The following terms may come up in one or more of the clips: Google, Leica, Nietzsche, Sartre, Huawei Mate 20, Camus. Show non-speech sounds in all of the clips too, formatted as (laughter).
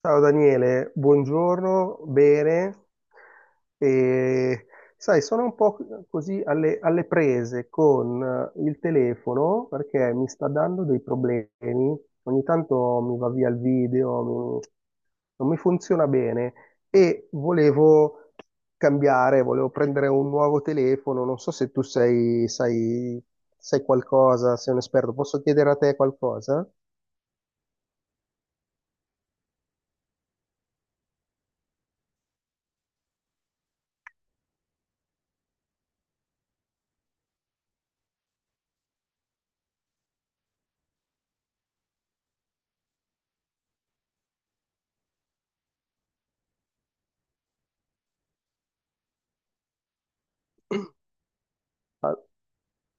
Ciao Daniele, buongiorno, bene. E, Sai, sono un po' così alle prese con il telefono perché mi sta dando dei problemi. Ogni tanto mi va via il video, non mi funziona bene e volevo cambiare, volevo prendere un nuovo telefono. Non so se sai qualcosa, sei un esperto, posso chiedere a te qualcosa?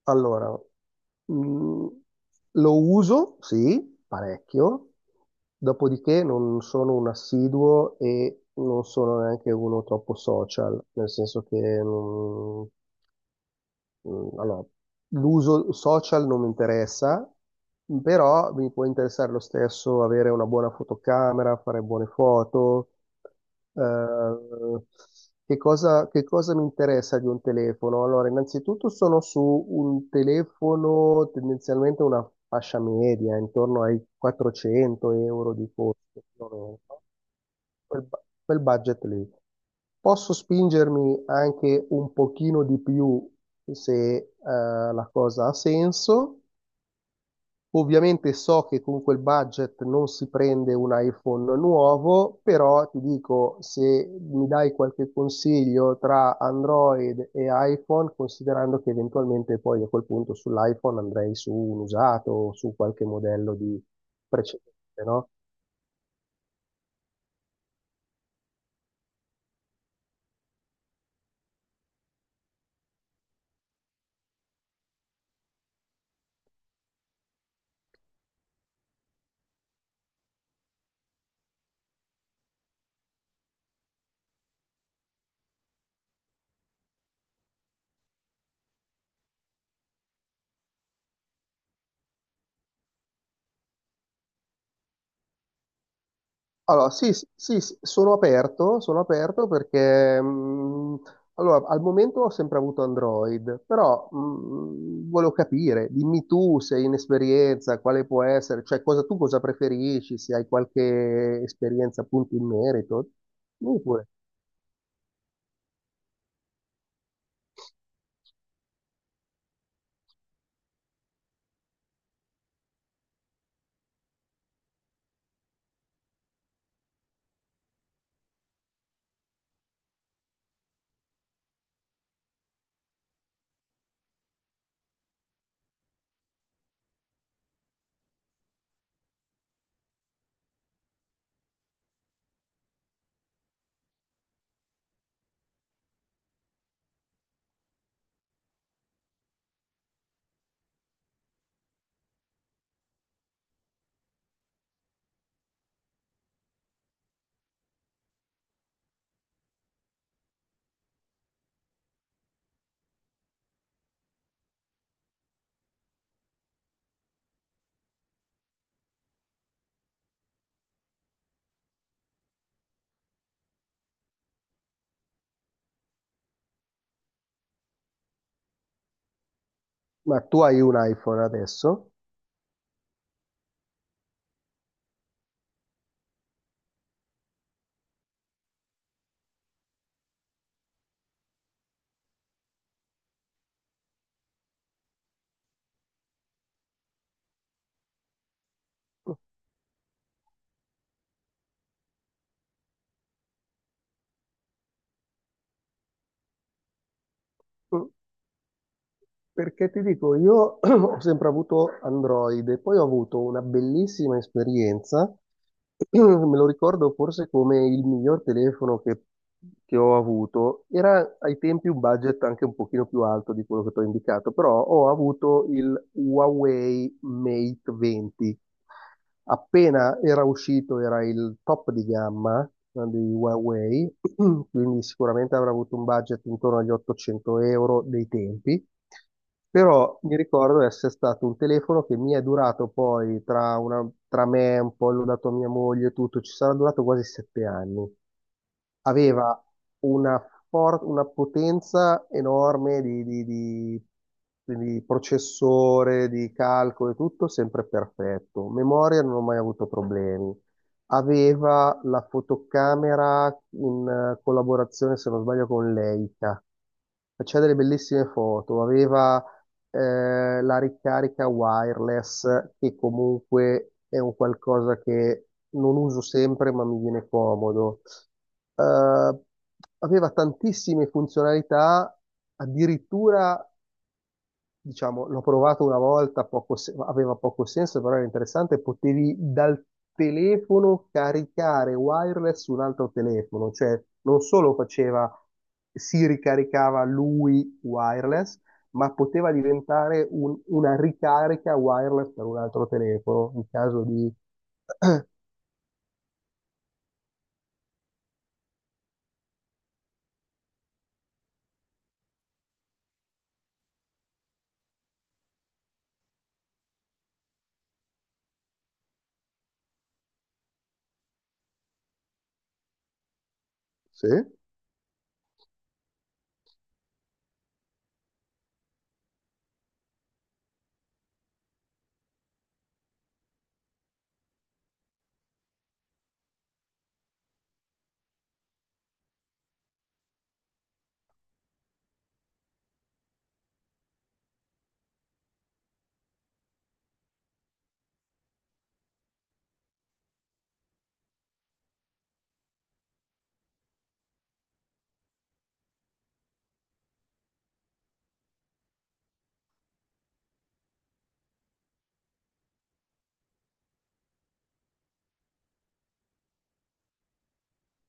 Allora, mh, lo uso, sì, parecchio, dopodiché non sono un assiduo e non sono neanche uno troppo social, nel senso che non, Mm, allora, l'uso social non mi interessa, però mi può interessare lo stesso avere una buona fotocamera, fare buone foto. Eh, che cosa mi interessa di un telefono? Allora, innanzitutto sono su un telefono tendenzialmente una fascia media, intorno ai 400 euro di costo. Più o meno quel, bu- quel budget lì. Posso spingermi anche un pochino di più se la cosa ha senso. Ovviamente so che con quel budget non si prende un iPhone nuovo, però ti dico, se mi dai qualche consiglio tra Android e iPhone, considerando che eventualmente poi a quel punto sull'iPhone andrei su un usato o su qualche modello di precedente, no? Allora, sì, sì, sì, sì, sono aperto perché allora, al momento ho sempre avuto Android, però volevo capire, dimmi tu se hai un'esperienza, quale può essere, tu cosa preferisci, se hai qualche esperienza appunto in merito. Dimmi pure. Ma tu hai un iPhone adesso? Mm, mm. Perché ti dico, io (clears throat) ho sempre avuto Android e poi ho avuto una bellissima esperienza, (clears throat) me lo ricordo forse come il miglior telefono che ho avuto, era ai tempi un budget anche un pochino più alto di quello che ti ho indicato, però ho avuto il Huawei Mate 20 appena era uscito, era il top di gamma di Huawei, (clears throat) quindi sicuramente avrà avuto un budget intorno agli 800 euro dei tempi, però mi ricordo essere stato un telefono che mi è durato poi tra me, un po' l'ho dato a mia moglie e tutto, ci sarà durato quasi 7 anni. Aveva una, una potenza enorme di processore, di calcolo e tutto, sempre perfetto. Memoria non ho mai avuto problemi. Aveva la fotocamera in collaborazione, se non sbaglio, con Leica. Faceva delle bellissime foto, aveva la ricarica wireless, che comunque è un qualcosa che non uso sempre, ma mi viene comodo. Eh, Aveva tantissime funzionalità, addirittura, diciamo, l'ho provato una volta, poco se- aveva poco senso, però era interessante, potevi dal telefono caricare wireless su un altro telefono, cioè non solo faceva, si ricaricava lui wireless, ma poteva diventare una ricarica wireless per un altro telefono in caso di... Sì?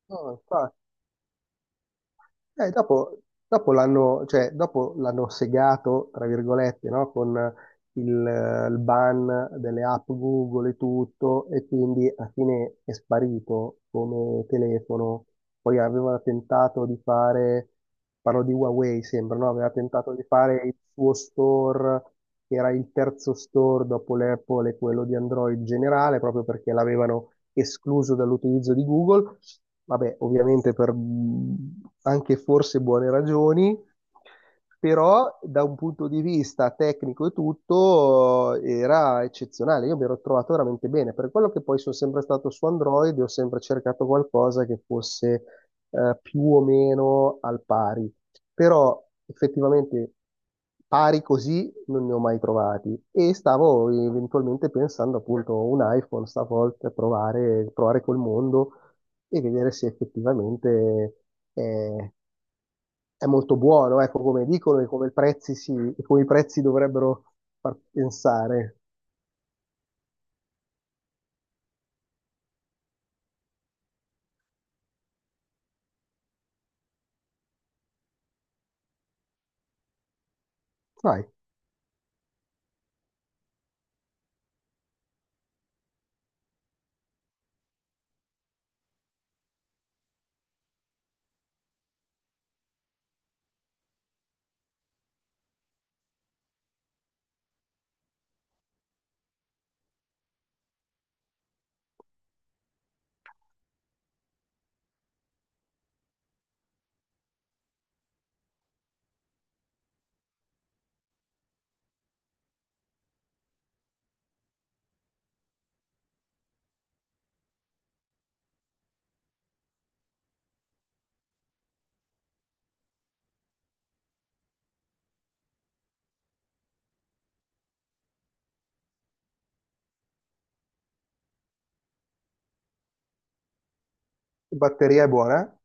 No, infatti. Eh, dopo dopo l'hanno, cioè, dopo l'hanno segato, tra virgolette, no? Con il, il ban delle app Google e tutto, e quindi alla fine è sparito come telefono. Poi aveva tentato di fare, parlo di Huawei sembra, no? Aveva tentato di fare il suo store, che era il terzo store dopo l'Apple e quello di Android generale, proprio perché l'avevano escluso dall'utilizzo di Google. Vabbè, ovviamente per anche forse buone ragioni, però da un punto di vista tecnico e tutto era eccezionale, io mi ero trovato veramente bene, per quello che poi sono sempre stato su Android, e ho sempre cercato qualcosa che fosse più o meno al pari, però effettivamente pari così non ne ho mai trovati, e stavo eventualmente pensando appunto un iPhone stavolta provare, col mondo e vedere se effettivamente... eh, è molto buono, ecco, come dicono e come, il prezzi si, e come i prezzi dovrebbero far pensare. Vai, batteria è buona?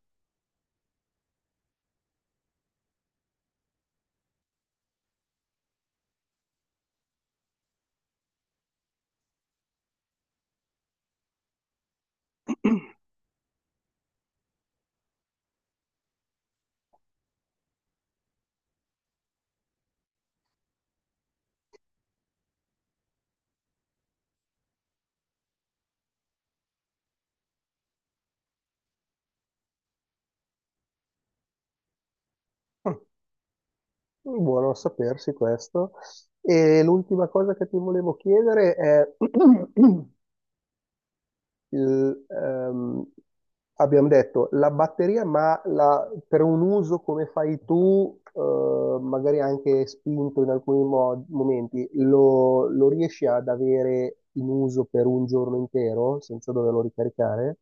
Eh? Mm, buono a sapersi questo. E l'ultima cosa che ti volevo chiedere è (clears throat) il, ehm, abbiamo detto la batteria, ma per un uso come fai tu, magari anche spinto in alcuni momenti, lo riesci ad avere in uso per un giorno intero senza doverlo ricaricare?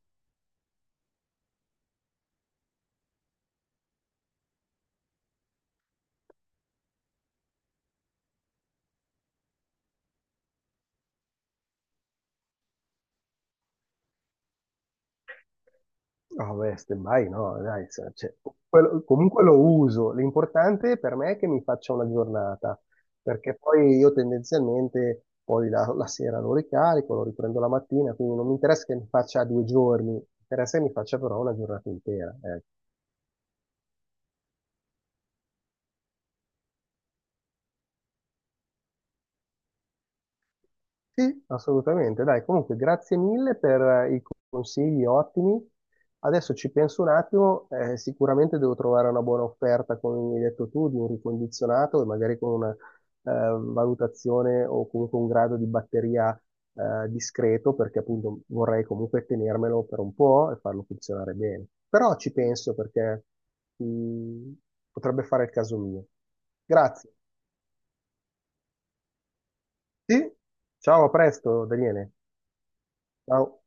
No, beh, stand by no, dai, cioè, quello- comunque lo uso. L'importante per me è che mi faccia una giornata, perché poi io tendenzialmente poi la sera lo ricarico, lo riprendo la mattina, quindi non mi interessa che mi faccia due giorni, mi interessa che mi faccia però una giornata intera. Eh. Sì, assolutamente. Dai, comunque grazie mille per i consigli ottimi. Adesso ci penso un attimo, sicuramente devo trovare una buona offerta, come mi hai detto tu, di un ricondizionato e magari con una valutazione o comunque un grado di batteria discreto, perché appunto vorrei comunque tenermelo per un po' e farlo funzionare bene. Però ci penso perché mm, potrebbe fare il caso mio. Grazie. Sì? Ciao, a presto, Daniele. Ciao.